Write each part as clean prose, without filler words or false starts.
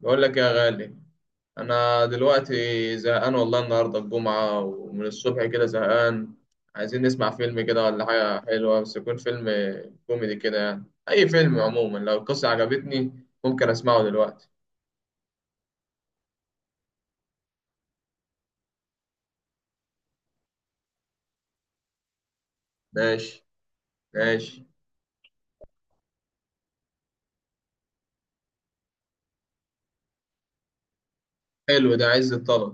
بقول لك يا غالي، انا دلوقتي زهقان والله. النهارده الجمعه ومن الصبح كده زهقان. عايزين نسمع فيلم كده ولا حاجه حلوه، بس يكون فيلم كوميدي كده يعني. اي فيلم عموما لو القصه عجبتني ممكن اسمعه دلوقتي. ماشي ماشي. حلو ده عز الطلب.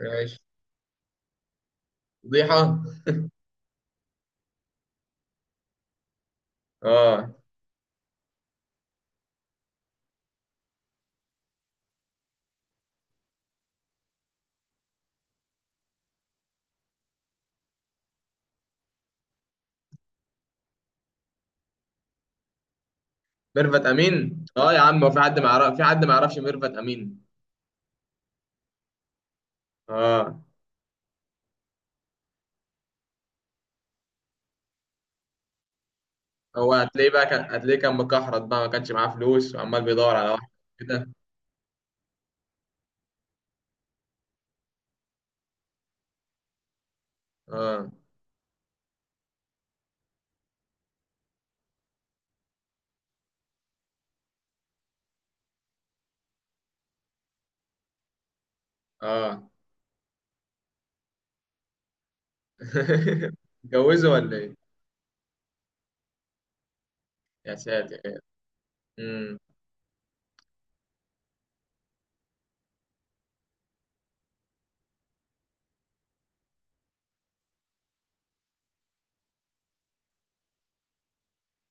ماشي. فضيحه. اه ميرفت امين، اه يا عم هو في حد ما يعرف؟ في حد ما يعرفش ميرفت امين؟ اه هو هتلاقيه بقى، كان هتلاقيه كان مكحرت بقى، ما كانش معاه فلوس وعمال بيدور على واحد. كده. اه. اه. اتجوزه ولا ايه؟ يا ساتر. امم.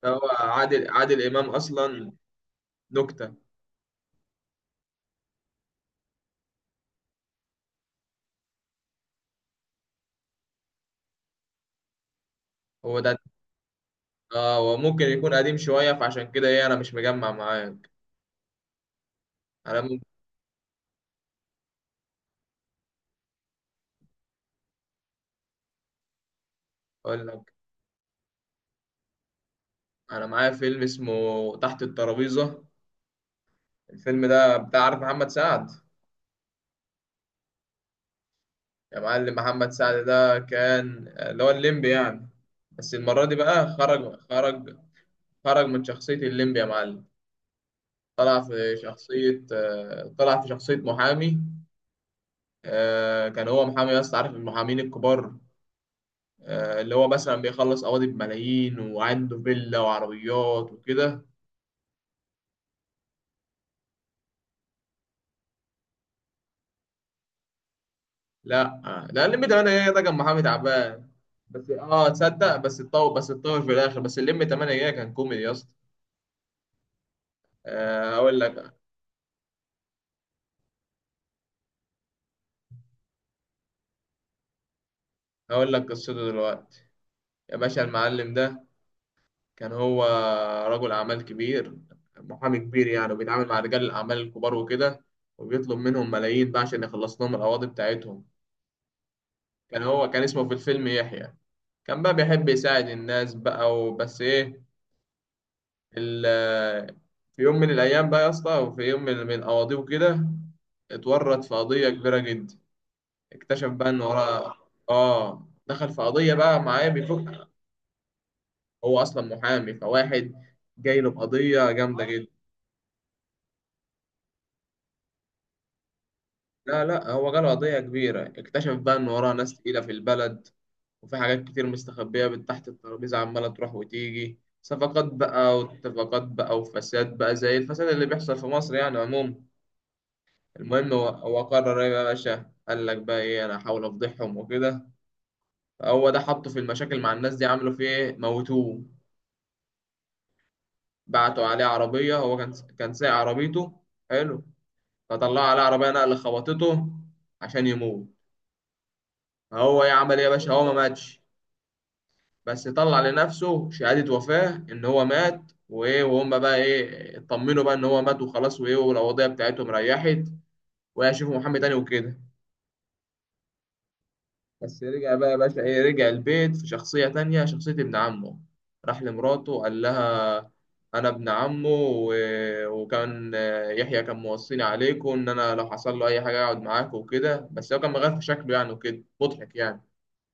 هو عادل، عادل امام اصلا نكته. هو ده. اه هو ممكن يكون قديم شويه، فعشان كده ايه انا مش مجمع معاك. انا ممكن. اقول لك. انا معايا فيلم اسمه تحت الترابيزه. الفيلم ده بتاع، عارف محمد سعد؟ يا معلم محمد سعد ده كان اللي هو الليمبي يعني. بس المره دي بقى خرج. خرج من شخصيه الليمبي يا معلم. طلع في شخصيه طلع في شخصيه محامي. كان هو محامي بس عارف المحامين الكبار، اللي هو مثلا بيخلص قواضي بملايين وعنده فيلا وعربيات وكده. لا لا، الليمبي 8 جيجا ده كان محامي تعبان. بس اه تصدق، بس اتطور في الاخر. بس الليمبي 8 جيجا كان كوميدي يا اسطى. هقول لك. هقول لك قصته دلوقتي. يا باشا المعلم ده كان هو رجل اعمال كبير، محامي كبير يعني، وبيتعامل مع رجال الاعمال الكبار وكده. وبيطلب منهم ملايين بقى عشان يخلص لهم القواضي بتاعتهم. كان هو، كان اسمه في الفيلم يحيى. كان بقى بيحب يساعد الناس بقى وبس ايه ال- في يوم من الايام بقى يا اسطى، وفي يوم من القواضيع كده، اتورط في قضية كبيرة جدا. اكتشف بقى ان وراه. اه دخل في قضية بقى معاه بيفك. هو اصلا محامي، فواحد جاي له بقضية جامدة جدا. لا لا هو جاله قضية كبيرة، اكتشف بقى ان وراه ناس تقيلة في البلد، وفي حاجات كتير مستخبية من تحت الترابيزة، عمالة تروح وتيجي صفقات بقى واتفاقات بقى وفساد بقى زي الفساد اللي بيحصل في مصر يعني عموما. المهم هو قرر ايه بقى يا باشا؟ قال لك بقى ايه، انا هحاول افضحهم وكده. هو ده حطه في المشاكل مع الناس دي. عملوا فيه ايه؟ موتوه. بعتوا عليه عربية، هو كان، كان سايق عربيته. حلو. فطلعوا عليه عربية نقل خبطته عشان يموت. هو ايه عمل ايه يا باشا؟ هو ما ماتش. بس طلع لنفسه شهادة وفاة إن هو مات وإيه، وهم بقى إيه اطمنوا بقى إن هو مات وخلاص وإيه، والوضعية بتاعتهم ريحت، وهيشوفوا محمد تاني وكده. بس رجع بقى يا باشا إيه، رجع البيت في شخصية تانية، شخصية ابن عمه. راح لمراته قال لها، أنا ابن عمه وكان يحيى كان موصيني عليكم إن أنا لو حصل له أي حاجة أقعد معاكم وكده، بس هو كان مغير في شكله يعني وكده مضحك يعني.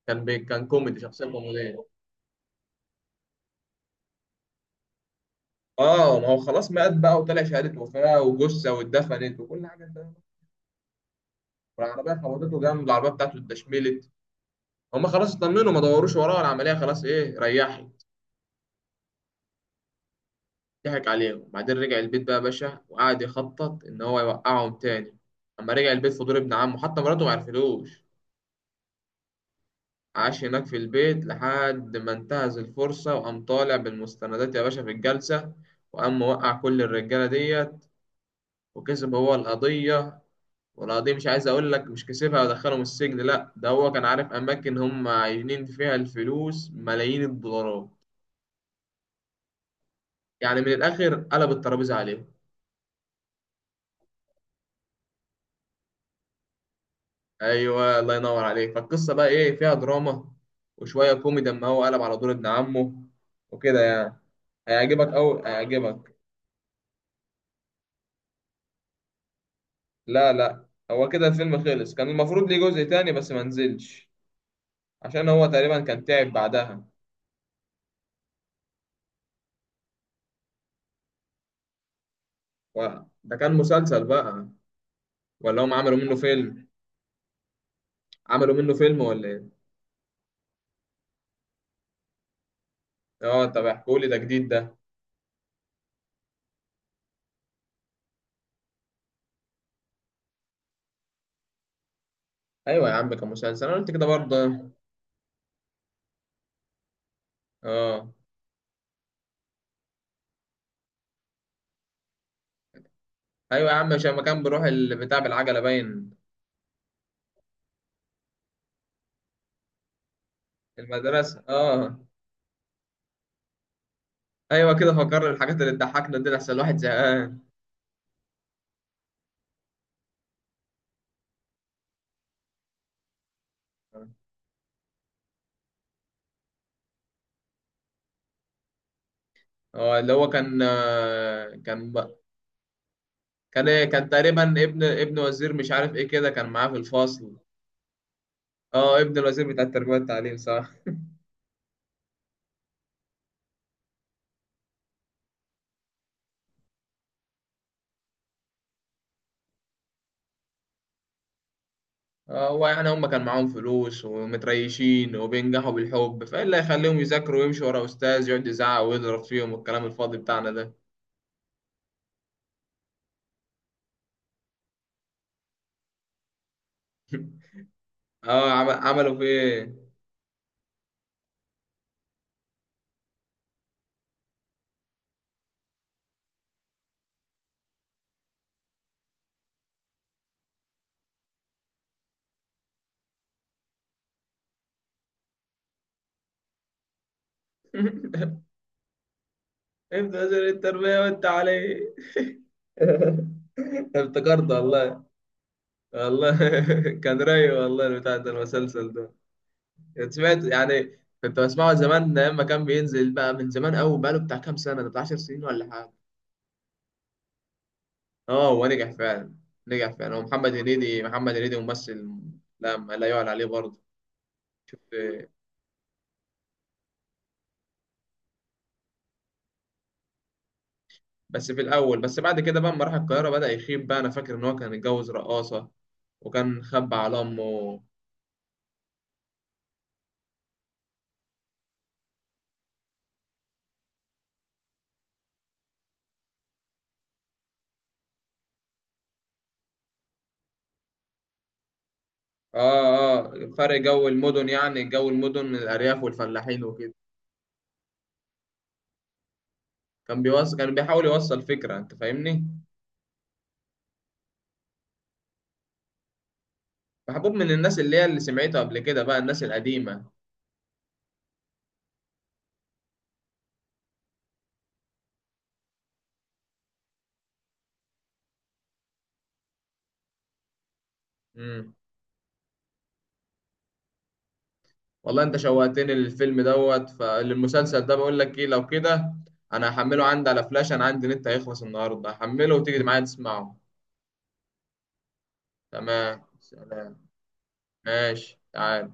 كان كوميدي، شخصية كوميدية. اه ما هو خلاص مات بقى وطلع شهادة وفاة وجثة واتدفنت وكل حاجة انت. والعربية خبطته جامد، العربية بتاعته اتدشملت. هما خلاص اطمنوا، ما دوروش وراه، العملية خلاص ايه ريحت. ضحك عليهم وبعدين رجع البيت بقى يا باشا وقعد يخطط ان هو يوقعهم تاني. اما رجع البيت في دور ابن عمه حتى مراته ما عرفتلوش. عاش هناك في البيت لحد ما انتهز الفرصة، وقام طالع بالمستندات يا باشا في الجلسة، وقام موقع كل الرجالة ديت، وكسب هو القضية. ولا دي مش عايز اقول لك مش كسبها ودخلهم السجن لا، ده هو كان عارف اماكن هم عايزين فيها الفلوس، ملايين الدولارات. يعني من الاخر قلب الترابيزه عليهم. ايوه الله ينور عليك. فالقصه بقى ايه فيها دراما وشويه كوميدي، اما هو قلب على دور ابن عمه وكده يعني. هيعجبك او هيعجبك. لا لا هو كده الفيلم خلص. كان المفروض ليه جزء تاني بس ما نزلش، عشان هو تقريبا كان تعب بعدها و... ده كان مسلسل بقى ولا هم عملوا منه فيلم؟ عملوا منه فيلم ولا؟ اه طب احكوا لي، ده جديد ده. ايوه يا عم كان مسلسل، انا قلت كده برضه. اه. ايوه يا عم، مش لما كان بروح البتاع بالعجله باين؟ المدرسه اه. ايوه كده، فكر الحاجات اللي تضحكنا دي لحسن الواحد زهقان. اه، اللي هو كان كان إيه؟ كان تقريبا ابن وزير مش عارف ايه كده كان معاه في الفصل. اه، ابن الوزير بتاع التربيه والتعليم صح. اه هو يعني هم كان معاهم فلوس ومتريشين وبينجحوا بالحب، فايه اللي هيخليهم يذاكروا ويمشوا ورا استاذ يقعد يزعق ويضرب فيهم والكلام الفاضي بتاعنا ده. اه عملوا في ايه؟ ابن وزير التربية وانت عليه. افتكرت والله. والله كان رايق والله بتاع ده المسلسل ده. كنت سمعت يعني، كنت بسمعه زمان ايام ما كان بينزل بقى من زمان قوي، بقاله بتاع كام سنة ده، بتاع 10 سنين ولا حاجة. اه هو نجح فعلا. نجح فعلا، هو محمد هنيدي، محمد هنيدي ممثل لا، ما لا يعلى عليه برضه. بس في الأول، بس بعد كده بقى لما راح القاهرة بدأ يخيب بقى، أنا فاكر إن هو كان اتجوز رقاصة وكان خبى على أمه. اه اه، فرق جو المدن، يعني جو المدن من الارياف والفلاحين وكده. كان بيوصل، كان بيحاول يوصل فكره انت فاهمني. محبوب من الناس اللي هي اللي سمعته قبل كده بقى، الناس القديمه. امم. والله انت شوقتني للفيلم دوت، فالمسلسل ده بقول لك ايه لو كده انا هحمله عندي على فلاش، انا عندي نت هيخلص النهارده هحمله وتيجي معايا تسمعه. تمام سلام. ماشي تعال.